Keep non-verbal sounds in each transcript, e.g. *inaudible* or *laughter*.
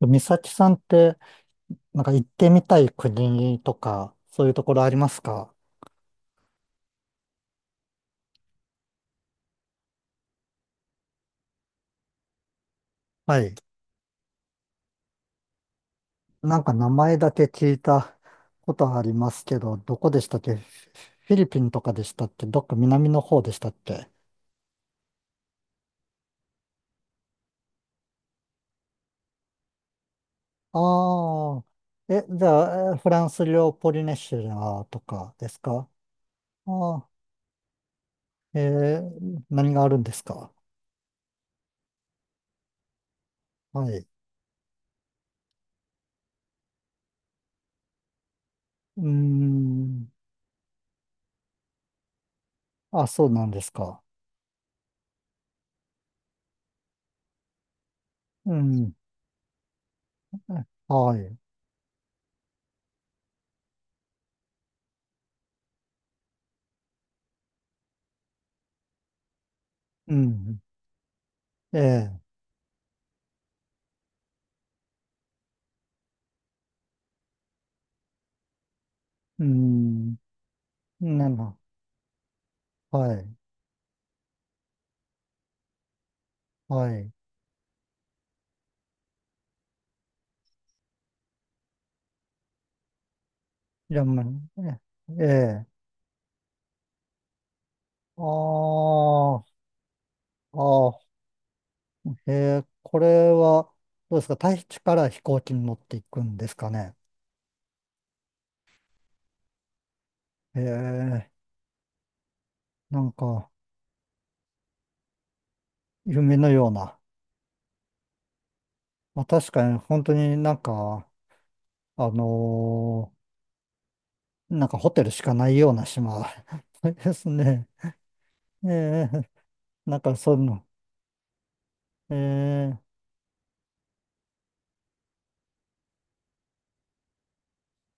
美咲さんって、なんか行ってみたい国とか、そういうところありますか？はい。なんか名前だけ聞いたことありますけど、どこでしたっけ？フィリピンとかでしたっけ？どっか南の方でしたっけ？ああー。じゃあ、フランス領ポリネシアとかですか？ああー。何があるんですか？はい。うーん。あ、そうなんですか。うん。はい。うん。ええ。うん。なんな、はい。はい。じゃあ、まあ、ええ。ええ、ああ、ああ、ええ、これは、どうですか？大地から飛行機に乗っていくんですかね。ええ、なんか、夢のような。まあ、確かに、本当になんか、あのなんかホテルしかないような島 *laughs* ですね。ええ、なんかそういうの、ええ、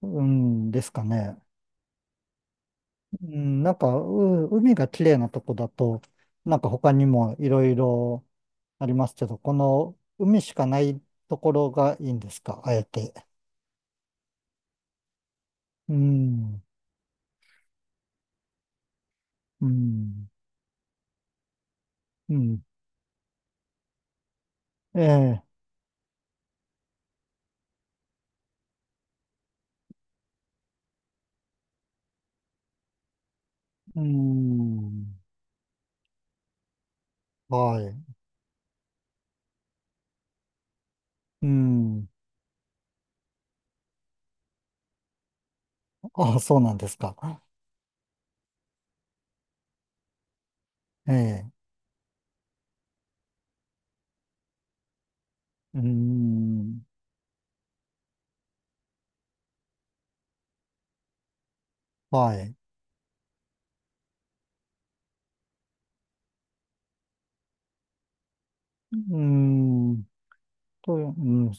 うんですかね。うん、なんか、海が綺麗なとこだと、なんか他にもいろいろありますけど、この海しかないところがいいんですか、あえて。うん、うん、うん、ええ、うん、はい、うん、あ、そうなんですか。ええ、うん、はい、うん、うん、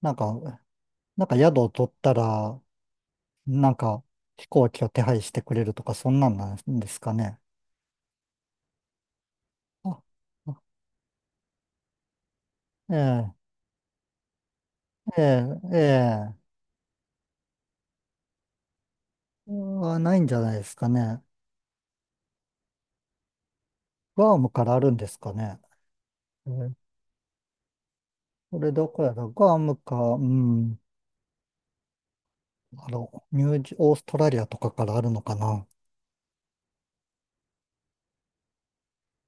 なんか、なんか宿を取ったら、なんか、飛行機を手配してくれるとか、そんなんなんですかね。あ、あ、ええ、ええ、ええ、ないんじゃないですかね。グアムからあるんですかね。ええ、これどこやろグアムか、うん、ニュージー、オーストラリアとかからあるのかな。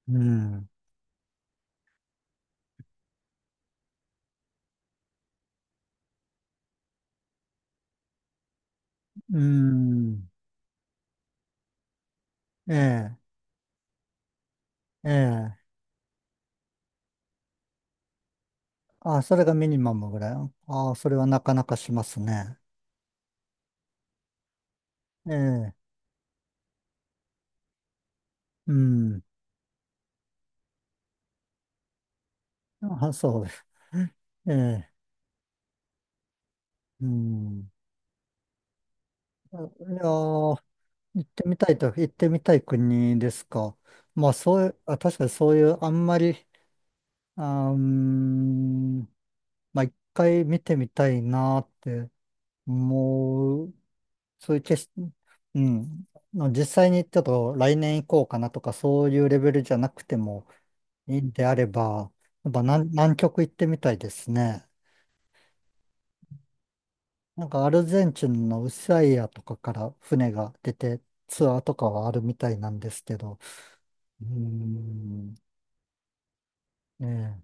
うん、うん、ええ、ええ、あ、それがミニマムぐらい。あ、それはなかなかしますね。ええ、うん、あ、そうです。ええ、うん。いやー、行ってみたい国ですか？まあそういう、あ、確かにそういう、あんまり、うーん、まあ一回見てみたいなって思う、そういう決し、うん、の実際にちょっと来年行こうかなとか、そういうレベルじゃなくてもいいんであれば、やっぱ南極行ってみたいですね。なんかアルゼンチンのウスアイアとかから船が出てツアーとかはあるみたいなんですけど、うーん、ね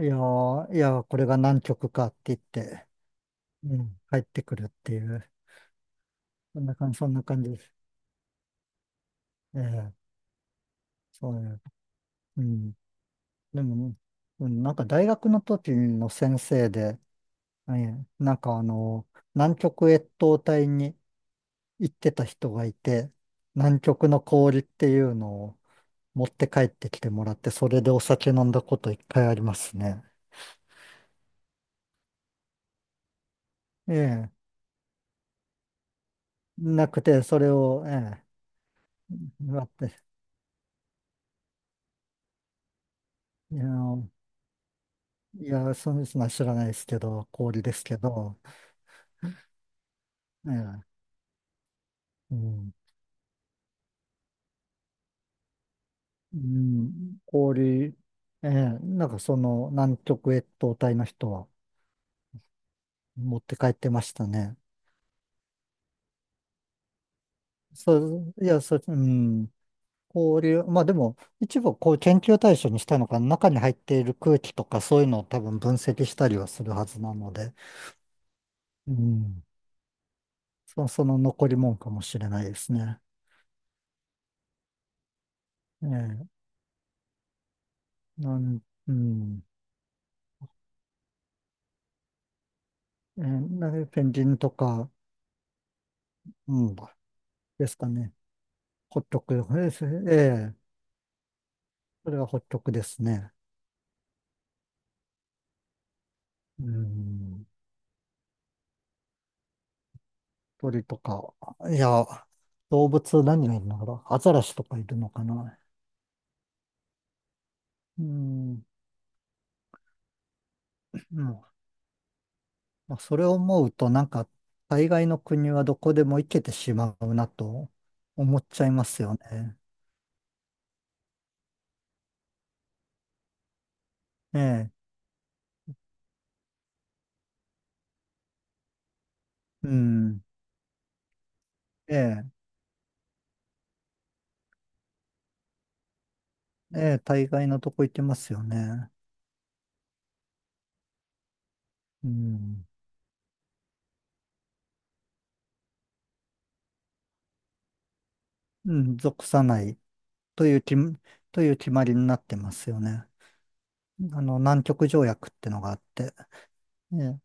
え、いやー、いやー、これが南極かって言って、うん、帰ってくるっていう、そんな感じ、そんな感じです。ええ、そういう、うん。でも、うん、なんか大学の時の先生で、ええ、なんか南極越冬隊に行ってた人がいて、南極の氷っていうのを持って帰ってきてもらって、それでお酒飲んだこと一回ありますね。ええ、なくて、それを、ええ、割って、いや、いや、そうですの人は知らないですけど、氷ですけど、ええ、うん、うん、氷、ええ、なんかその南極越冬隊の人は持って帰ってましたね。そう、いや、そう、うん、氷、まあでも、一部こう研究対象にしたのか、中に入っている空気とかそういうのを多分分析したりはするはずなので、うん、その残りもんかもしれないですね。ええ、なん、うん、ええ、なんかペンギンとか、うん。ですかね。ホットク、ええ、ええ、それはホットクですね。うん、鳥とか、いや、動物何がいるのかな、アザラシとかいるのかな、うん、うん、まあ、それを思うと、なんか、大概の国はどこでも行けてしまうなと思っちゃいますよね。ええ、うん、ええ、ええ、大概のとこ行けますよね。うん、うん、属さないというき、という決まりになってますよね。南極条約ってのがあって、ええ、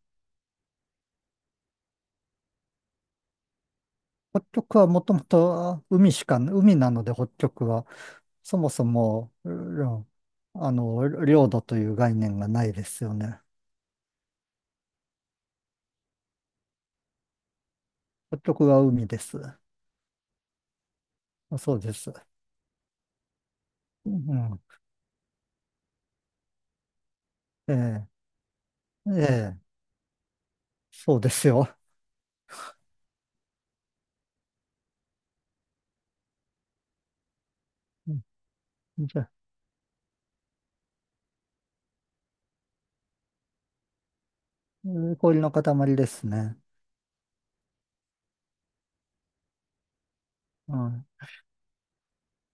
北極はもともと海しか、海なので北極は、そもそも、うん、領土という概念がないですよね。北極は海です。そうです。うん、ええ、ええ、そうですよ。うん、じゃ、え氷の塊ですね。うん、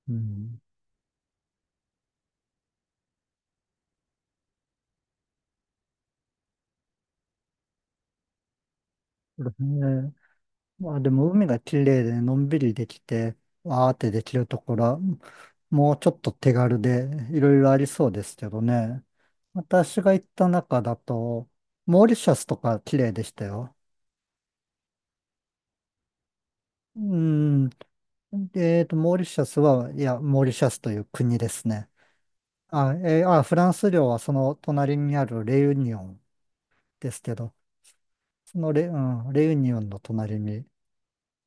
うん、ええ、まあでも海が綺麗でのんびりできて、わーってできるところは、もうちょっと手軽でいろいろありそうですけどね。私が行った中だと、モーリシャスとか綺麗でしたよ。うん。モーリシャスは、いや、モーリシャスという国ですね。あ、フランス領はその隣にあるレユニオンですけど、そのレ、うん、レユニオンの隣に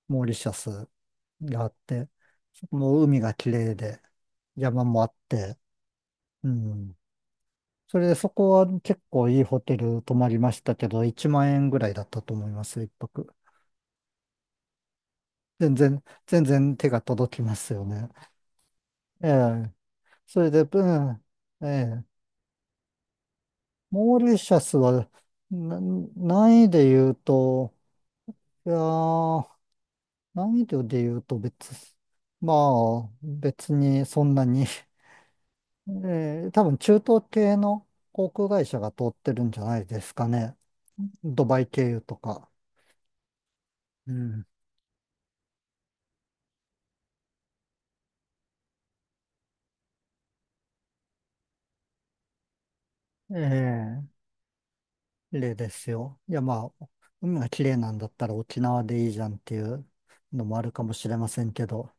モーリシャスがあって、そこも海が綺麗で、山もあって、うん。それでそこは結構いいホテル泊まりましたけど、1万円ぐらいだったと思いますよ、一泊。全然、全然手が届きますよね。ええ。それで、うん、ええ。モーリシャスは、な、難易で言うと、いやー、難易度で言うと別、まあ、別にそんなに *laughs* 多分中東系の航空会社が通ってるんじゃないですかね。ドバイ経由とか。うん。ええ、例ですよ。いや、まあ、海が綺麗なんだったら沖縄でいいじゃんっていうのもあるかもしれませんけど。